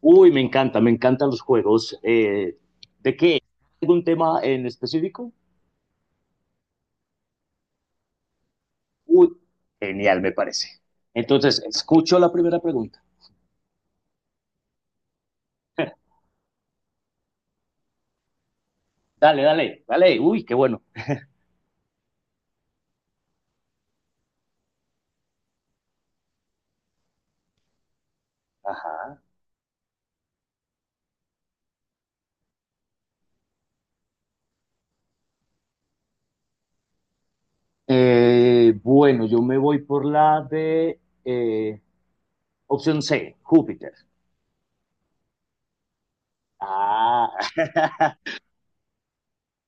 Uy, me encanta, me encantan los juegos. ¿De qué? ¿Algún tema en específico? Uy, genial, me parece. Entonces, escucho la primera pregunta. Dale, dale, dale. Uy, qué bueno. Ajá. Bueno, yo me voy por la de eh, opción C, Júpiter. Ah,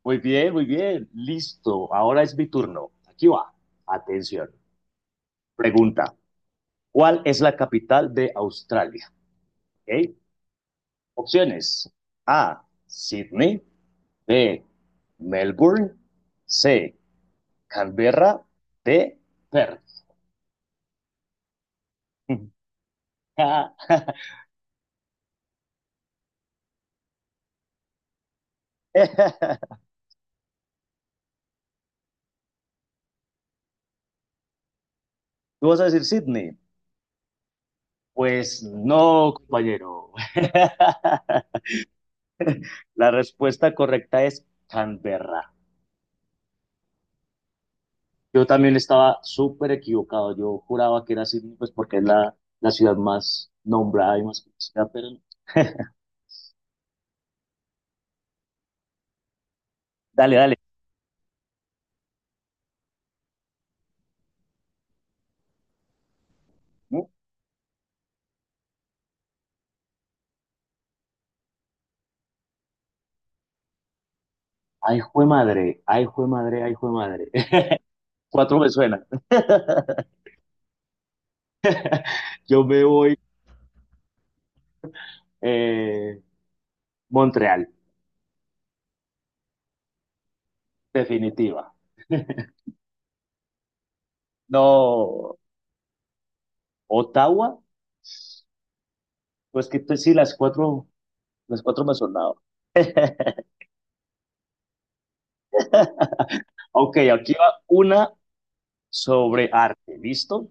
muy bien, muy bien. Listo. Ahora es mi turno. Aquí va. Atención. Pregunta. ¿Cuál es la capital de Australia? ¿Ok? Opciones. A. Sydney. B. Melbourne. C. Canberra. D. Perth. ¿Tú vas a decir Sydney? Pues no, compañero. La respuesta correcta es Canberra. Yo también estaba súper equivocado. Yo juraba que era Sydney, pues porque es la ciudad más nombrada y más conocida, pero no. Dale, dale. Ay, jue madre, ay, jue madre, ay, jue madre. Cuatro me suena. Yo me voy eh, Montreal, definitiva. No, Ottawa. Pues sí, las cuatro me han sonado. Ok, aquí va una sobre arte, ¿listo?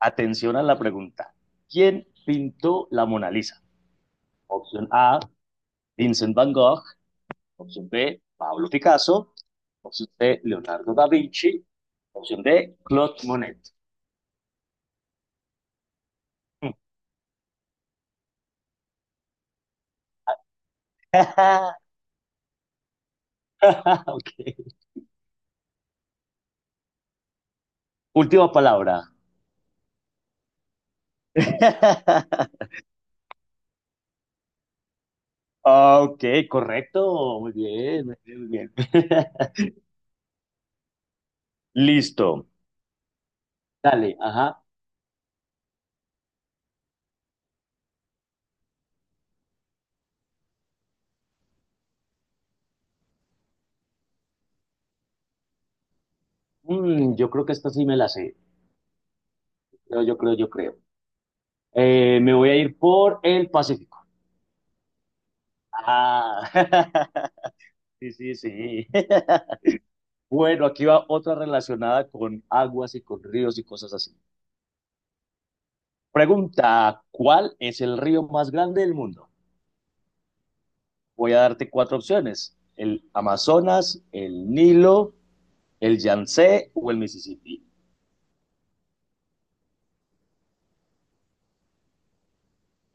Atención a la pregunta. ¿Quién pintó la Mona Lisa? Opción A, Vincent Van Gogh. Opción B, Pablo Picasso. Opción C, Leonardo da Vinci. Opción D, Claude Monet. Ok. Última palabra. Ah, Ok, correcto. Muy bien, muy bien, muy bien. Listo. Dale, ajá. Mm, yo creo que esta sí me la sé. Yo creo, yo creo. Me voy a ir por el Pacífico. Ah, sí, sí, sí. Bueno, aquí va otra relacionada con aguas y con ríos y cosas así. Pregunta, ¿cuál es el río más grande del mundo? Voy a darte cuatro opciones. El Amazonas, el Nilo, ¿el Yangtze o el Mississippi?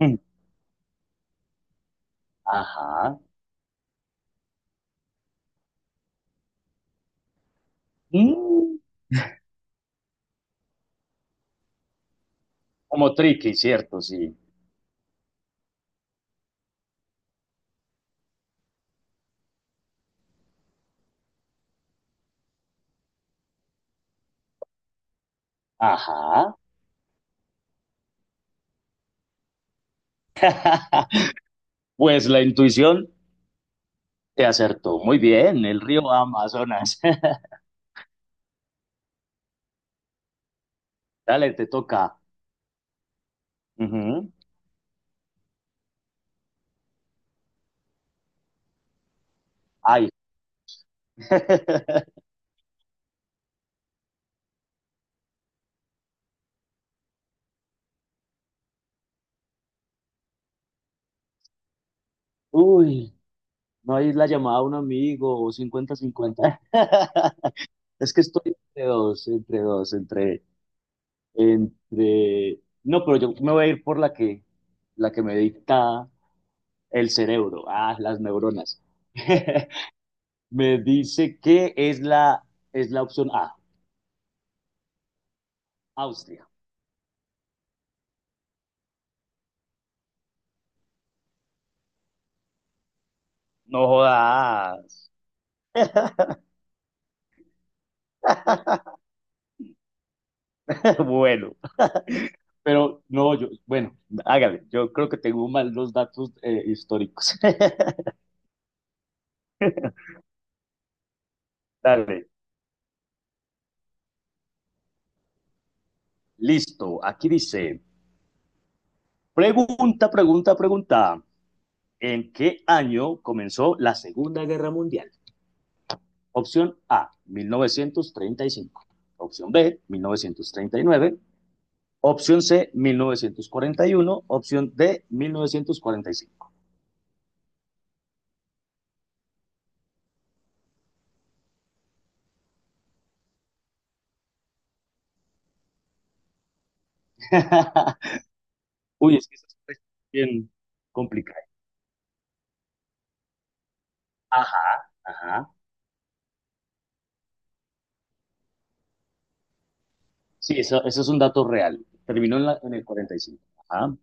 Mm. Ajá. Mm. Como tricky, ¿cierto? Sí. Ajá. Pues la intuición te acertó. Muy bien, el río Amazonas. Dale, te toca. Ujú. Ay. Uy, no hay la llamada a un amigo o 50-50. Es que estoy entre dos, entre dos, entre, entre. No, pero yo me voy a ir por la que me dicta el cerebro, ah, las neuronas. Me dice que es la opción A, Austria. No jodas. Bueno, pero no, yo, bueno, hágale, yo creo que tengo mal los datos históricos. Dale, listo, aquí dice, pregunta, pregunta, pregunta, ¿en qué año comenzó la Segunda Guerra Mundial? Opción A, 1935. Opción B, 1939. Opción C, 1941, Opción D, 1945. Uy, es que eso es bien complicado. Ajá, ajá. Sí, eso es un dato real. Terminó en el 45. Ajá.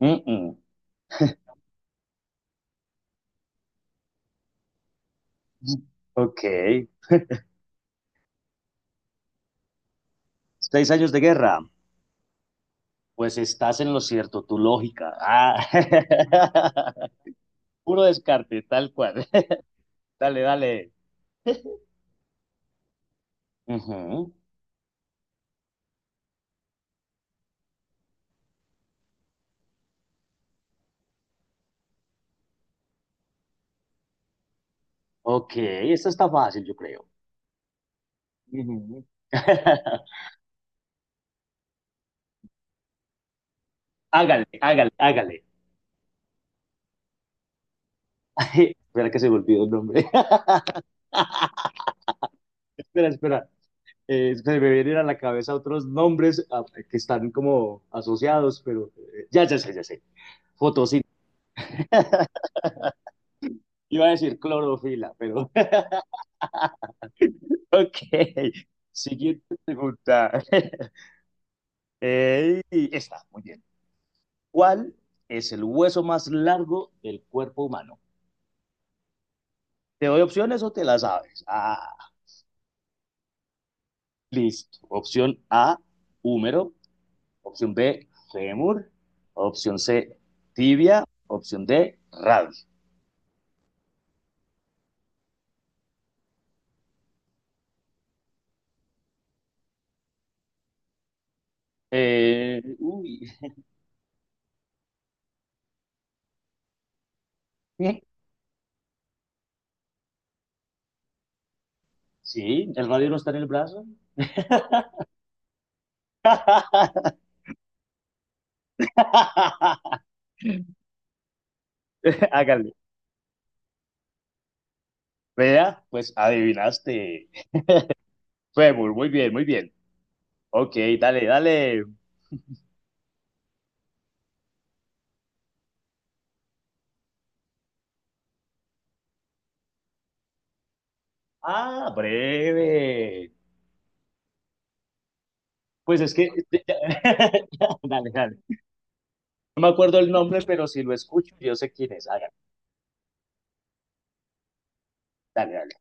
Mm, mm. Ok. 6 años de guerra. Pues estás en lo cierto, tu lógica. Ah. Puro descarte, tal cual. Dale, dale. Ujú. Ok, esta está fácil, yo creo. Ujú. Hágale, hágale, hágale. Espera que se me olvidó el nombre. Espera, espera. Se me vienen a la cabeza otros nombres que están como asociados, pero ya, ya sé, ya sé. Fotosíntesis. Iba a decir clorofila, pero ok. Siguiente pregunta. Esta, muy bien. ¿Cuál es el hueso más largo del cuerpo humano? ¿Te doy opciones o te las sabes? Ah, listo. Opción A, húmero. Opción B, fémur. Opción C, tibia. Opción D, radio. Uy. Sí, el radio no está en el brazo. Hágale. Vea, pues adivinaste. Fémur, muy bien, muy bien. Ok, dale, dale. Ah, breve. Pues es que. Dale, dale. No me acuerdo el nombre, pero si lo escucho, yo sé quién es. Hágale, dale, dale.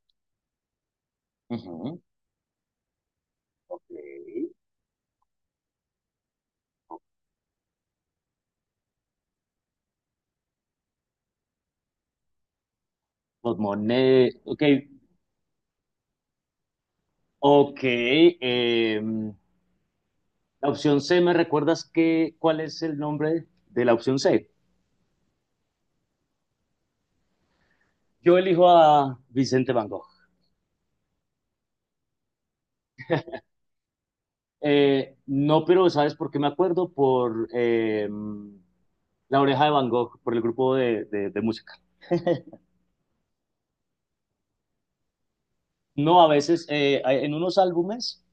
Ujú, Ok. Pulmoné. Ok, Ok, la opción C, ¿me recuerdas qué, cuál es el nombre de la opción C? Yo elijo a Vicente Van Gogh. No, pero ¿sabes por qué me acuerdo? Por La Oreja de Van Gogh, por el grupo de música. No, a veces en unos álbumes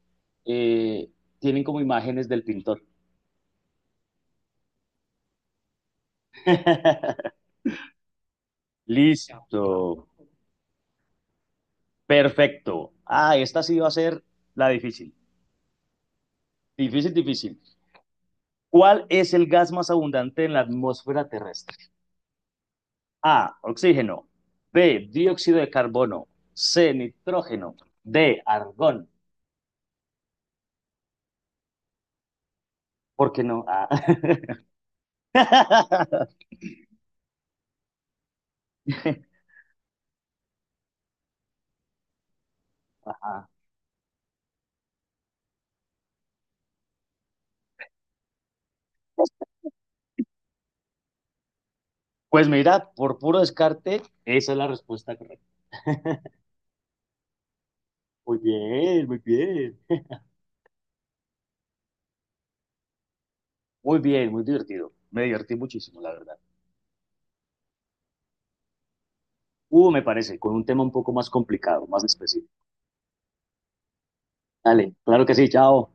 eh, tienen como imágenes del pintor. Listo, perfecto. Ah, esta sí va a ser la difícil. Difícil, difícil. ¿Cuál es el gas más abundante en la atmósfera terrestre? A. Oxígeno. B. Dióxido de carbono. C. Nitrógeno. D. Argón. ¿Por qué no? Ah. Pues mira, por puro descarte, esa es la respuesta correcta. Muy bien, muy bien. Muy bien, muy divertido. Me divertí muchísimo, la verdad. Me parece, con un tema un poco más complicado, más específico. Dale, claro que sí, chao.